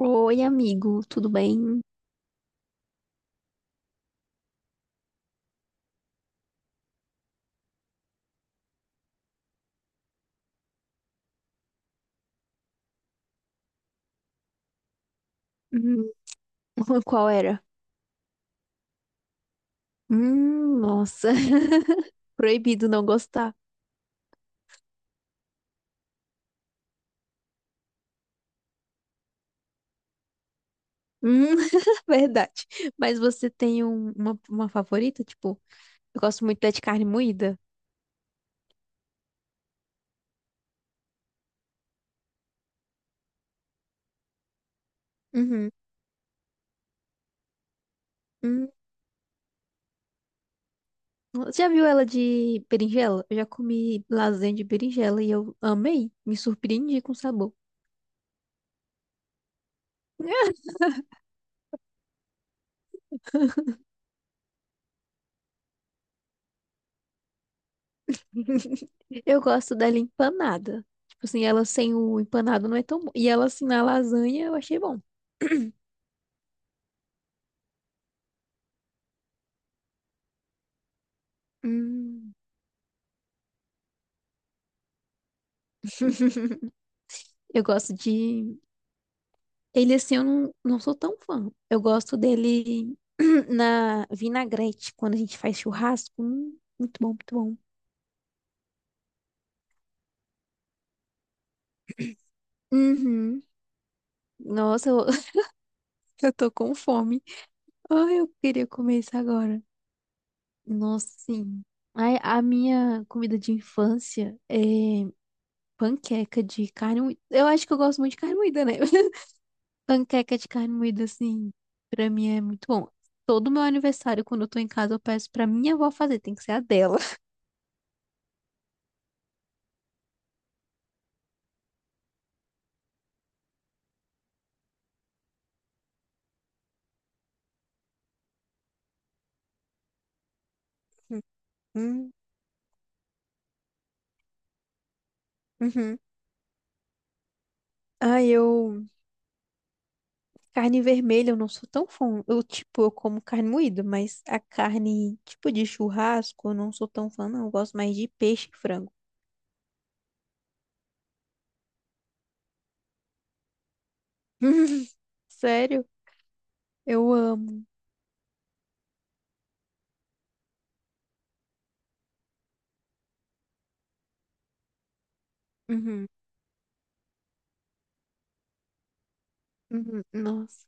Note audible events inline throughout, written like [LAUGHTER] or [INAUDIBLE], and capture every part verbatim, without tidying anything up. Oi, amigo, tudo bem? Hum, [LAUGHS] Qual era? Hum, nossa, [LAUGHS] proibido não gostar. Hum, [LAUGHS] verdade. Mas você tem um- uma, uma favorita? Tipo, eu gosto muito da de carne moída. Uhum. Hum, Você já viu ela de berinjela? Eu já comi lasanha de berinjela e eu amei. Me surpreendi com o sabor. [LAUGHS] Eu gosto dela empanada. Tipo assim, ela sem o empanado não é tão bom. E ela assim na lasanha eu achei bom. Hum. [LAUGHS] Eu gosto de. Ele, assim, eu não, não sou tão fã. Eu gosto dele [CLEARS THROAT] na vinagrete, quando a gente faz churrasco. Hum, muito bom, muito bom. Uhum. Nossa, eu, [LAUGHS] eu tô com fome. Ai, eu queria comer isso agora. Nossa, sim. Ai, a minha comida de infância é panqueca de carne moída. Eu acho que eu gosto muito de carne moída, né? [LAUGHS] Panqueca de carne moída, assim, pra mim é muito bom. Todo meu aniversário, quando eu tô em casa, eu peço pra minha avó fazer. Tem que ser a dela. Uhum. Uhum. Ah, eu. Carne vermelha, eu não sou tão fã. Eu, tipo, eu como carne moída, mas a carne, tipo, de churrasco, eu não sou tão fã, não. Eu gosto mais de peixe e frango. [LAUGHS] Sério? Eu amo. Uhum. Uhum. Nossa.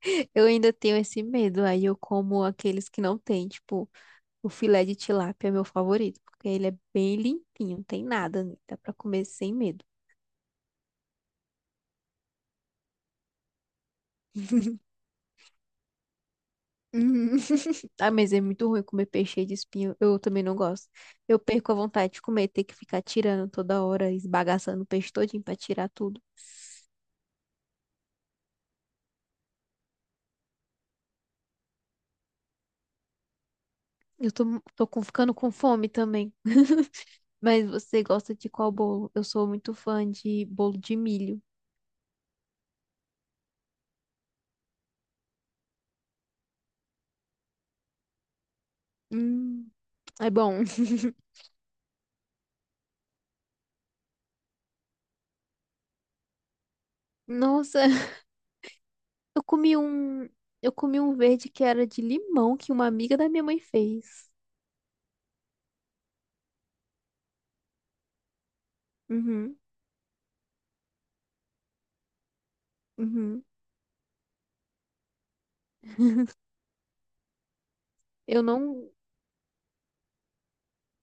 [LAUGHS] Eu ainda tenho esse medo. Aí eu como aqueles que não tem. Tipo, o filé de tilápia é meu favorito, porque ele é bem limpinho, não tem nada nele. Dá pra comer sem medo. Uhum. [LAUGHS] Ah, mas é muito ruim comer peixe cheio de espinho. Eu também não gosto. Eu perco a vontade de comer, ter que ficar tirando toda hora, esbagaçando o peixe todinho pra tirar tudo. Eu tô, tô com- ficando com fome também. [LAUGHS] Mas você gosta de qual bolo? Eu sou muito fã de bolo de milho. Hum, É bom. [LAUGHS] Nossa, eu comi um, eu comi um verde que era de limão que uma amiga da minha mãe fez. Uhum, uhum. Eu não.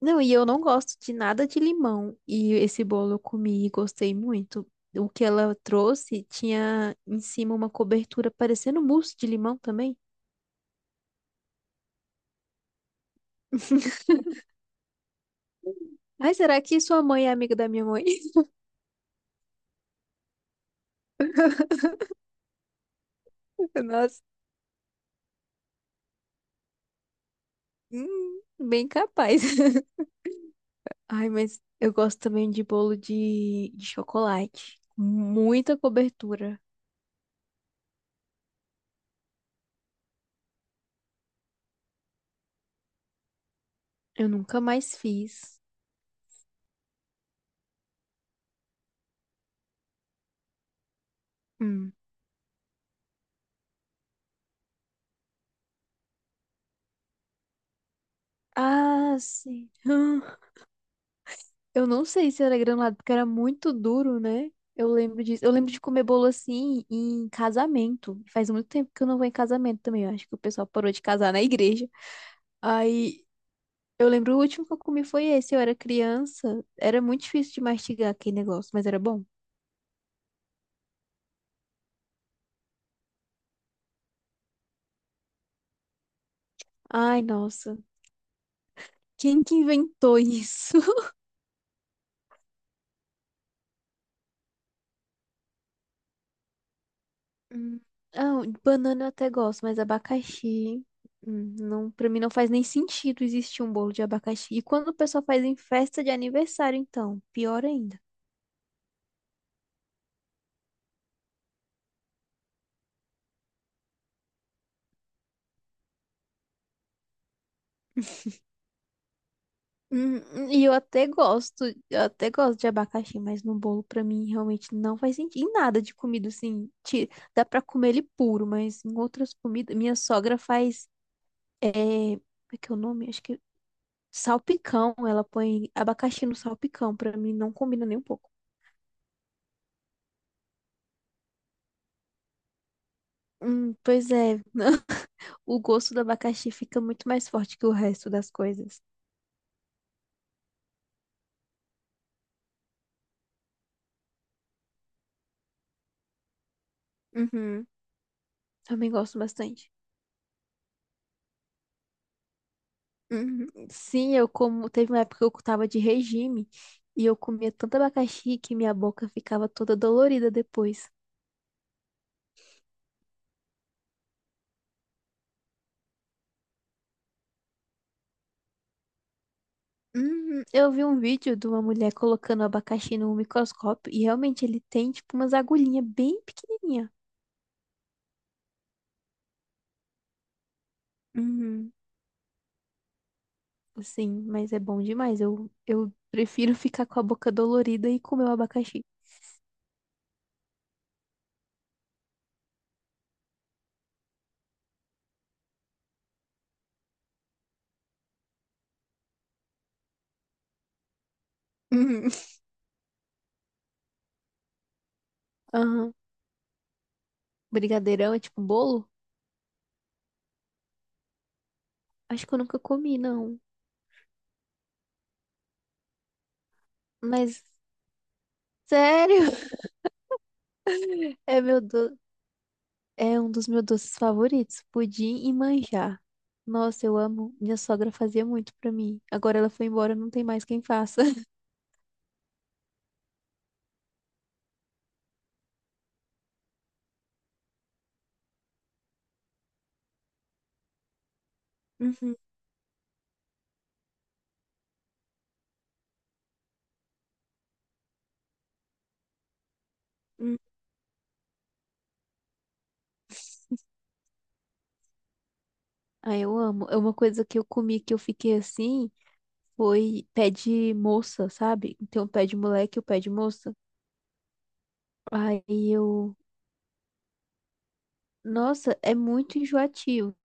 Não, e eu não gosto de nada de limão. E esse bolo eu comi e gostei muito. O que ela trouxe tinha em cima uma cobertura parecendo mousse de limão também. [LAUGHS] Ai, será que sua mãe é amiga da minha mãe? [LAUGHS] Nossa, hum, bem capaz. [LAUGHS] Ai, mas eu gosto também de bolo de, de chocolate. Muita cobertura. Eu nunca mais fiz. Hum. Ah, sim. Eu não sei se era granulado, porque era muito duro, né? Eu lembro disso. Eu lembro de comer bolo assim em casamento. Faz muito tempo que eu não vou em casamento também. Eu acho que o pessoal parou de casar na igreja. Aí eu lembro o último que eu comi foi esse. Eu era criança. Era muito difícil de mastigar aquele negócio, mas era bom. Ai, nossa. Quem que inventou [LAUGHS] isso? Hum. Ah, banana eu até gosto, mas abacaxi. hum, Não, para mim não faz nem sentido existir um bolo de abacaxi. E quando o pessoal faz em festa de aniversário, então, pior ainda. Hum, hum, e eu até gosto, eu até gosto de abacaxi, mas no bolo pra mim realmente não faz sentido. Em nada de comida, assim, ti- dá pra comer ele puro, mas em outras comidas, minha sogra faz, é, como é que é o nome? Acho que salpicão, ela põe abacaxi no salpicão, pra mim não combina nem um pouco. Hum, pois é, [LAUGHS] o gosto do abacaxi fica muito mais forte que o resto das coisas. Uhum. Também gosto bastante. Uhum. Sim, eu como. Teve uma época que eu tava de regime e eu comia tanto abacaxi que minha boca ficava toda dolorida depois. Uhum. Eu vi um vídeo de uma mulher colocando abacaxi no microscópio e realmente ele tem tipo umas agulhinhas bem pequenininha. Uhum. Assim, mas é bom demais. Eu, eu prefiro ficar com a boca dolorida e comer o abacaxi. Uhum. Aham. Brigadeirão é tipo um bolo? Acho que eu nunca comi, não. Mas, sério, [LAUGHS] é meu do... é um dos meus doces favoritos, pudim e manjar. Nossa, eu amo. Minha sogra fazia muito pra mim. Agora ela foi embora, não tem mais quem faça. [LAUGHS] Uhum, uhum. Ah, eu amo. É uma coisa que eu comi que eu fiquei assim, foi pé de moça, sabe? Então, pé de moleque e o pé de moça. Aí eu, nossa, é muito enjoativo.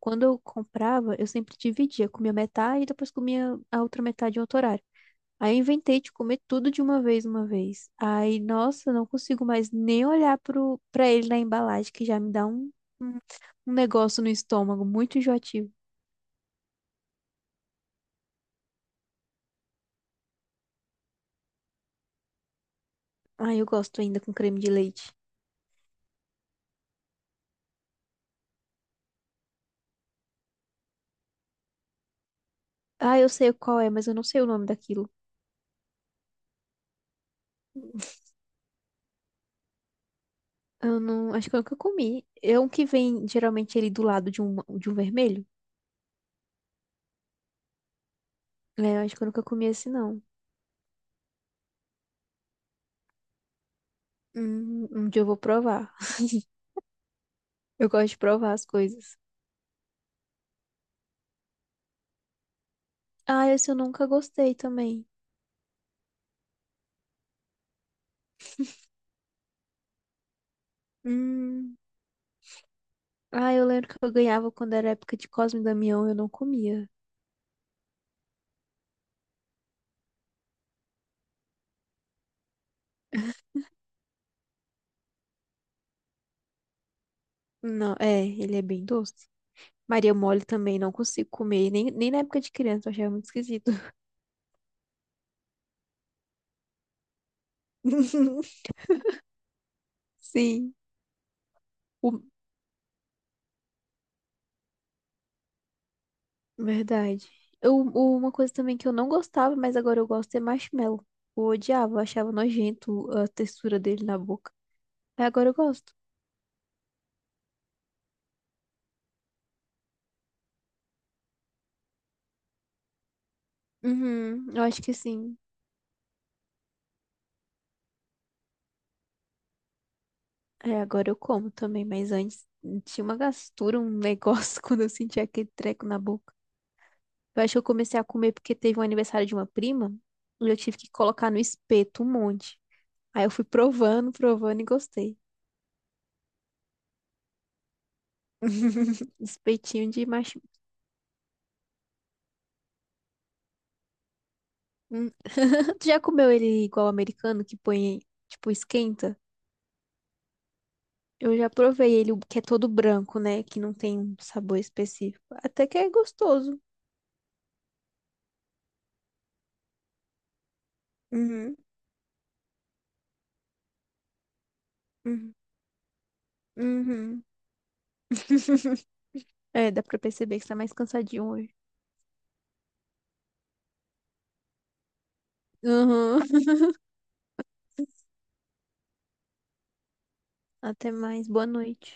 Quando eu comprava, eu sempre dividia, comia metade e depois comia a outra metade em outro horário. Aí eu inventei de comer tudo de uma vez, uma vez. Aí, nossa, eu não consigo mais nem olhar pro, pra ele na embalagem, que já me dá um, um, um negócio no estômago, muito enjoativo. Ai, eu gosto ainda com creme de leite. Ah, eu sei qual é, mas eu não sei o nome daquilo. Eu não, acho que eu nunca comi. É um que vem, geralmente, ele do lado de um, de um vermelho. É, eu acho que eu nunca comi esse, não. Hum, um dia eu vou provar. Eu gosto de provar as coisas. Ah, esse eu nunca gostei também. Hum. Ah, eu lembro que eu ganhava quando era época de Cosme e Damião, eu não comia. Não, é, ele é bem doce. Maria Mole também não consigo comer, nem, nem na época de criança, eu achava muito esquisito. [LAUGHS] Sim, o- verdade. Eu, o- uma coisa também que eu não gostava, mas agora eu gosto é marshmallow. Eu odiava, eu achava nojento a textura dele na boca. Aí agora eu gosto. Uhum, eu acho que sim. É, agora eu como também, mas antes tinha uma gastura, um negócio [LAUGHS] quando eu sentia aquele treco na boca. Eu acho que eu comecei a comer porque teve um aniversário de uma prima e eu tive que colocar no espeto um monte. Aí eu fui provando, provando e gostei. [LAUGHS] Espetinho de macho. Hum. [LAUGHS] Tu já comeu ele igual americano, que põe, tipo, esquenta? Eu já provei ele, o que é todo branco, né? Que não tem um sabor específico. Até que é gostoso. Uhum, uhum, uhum. [LAUGHS] É, dá pra perceber que você tá mais cansadinho hoje. Uhum. Até mais. Boa noite.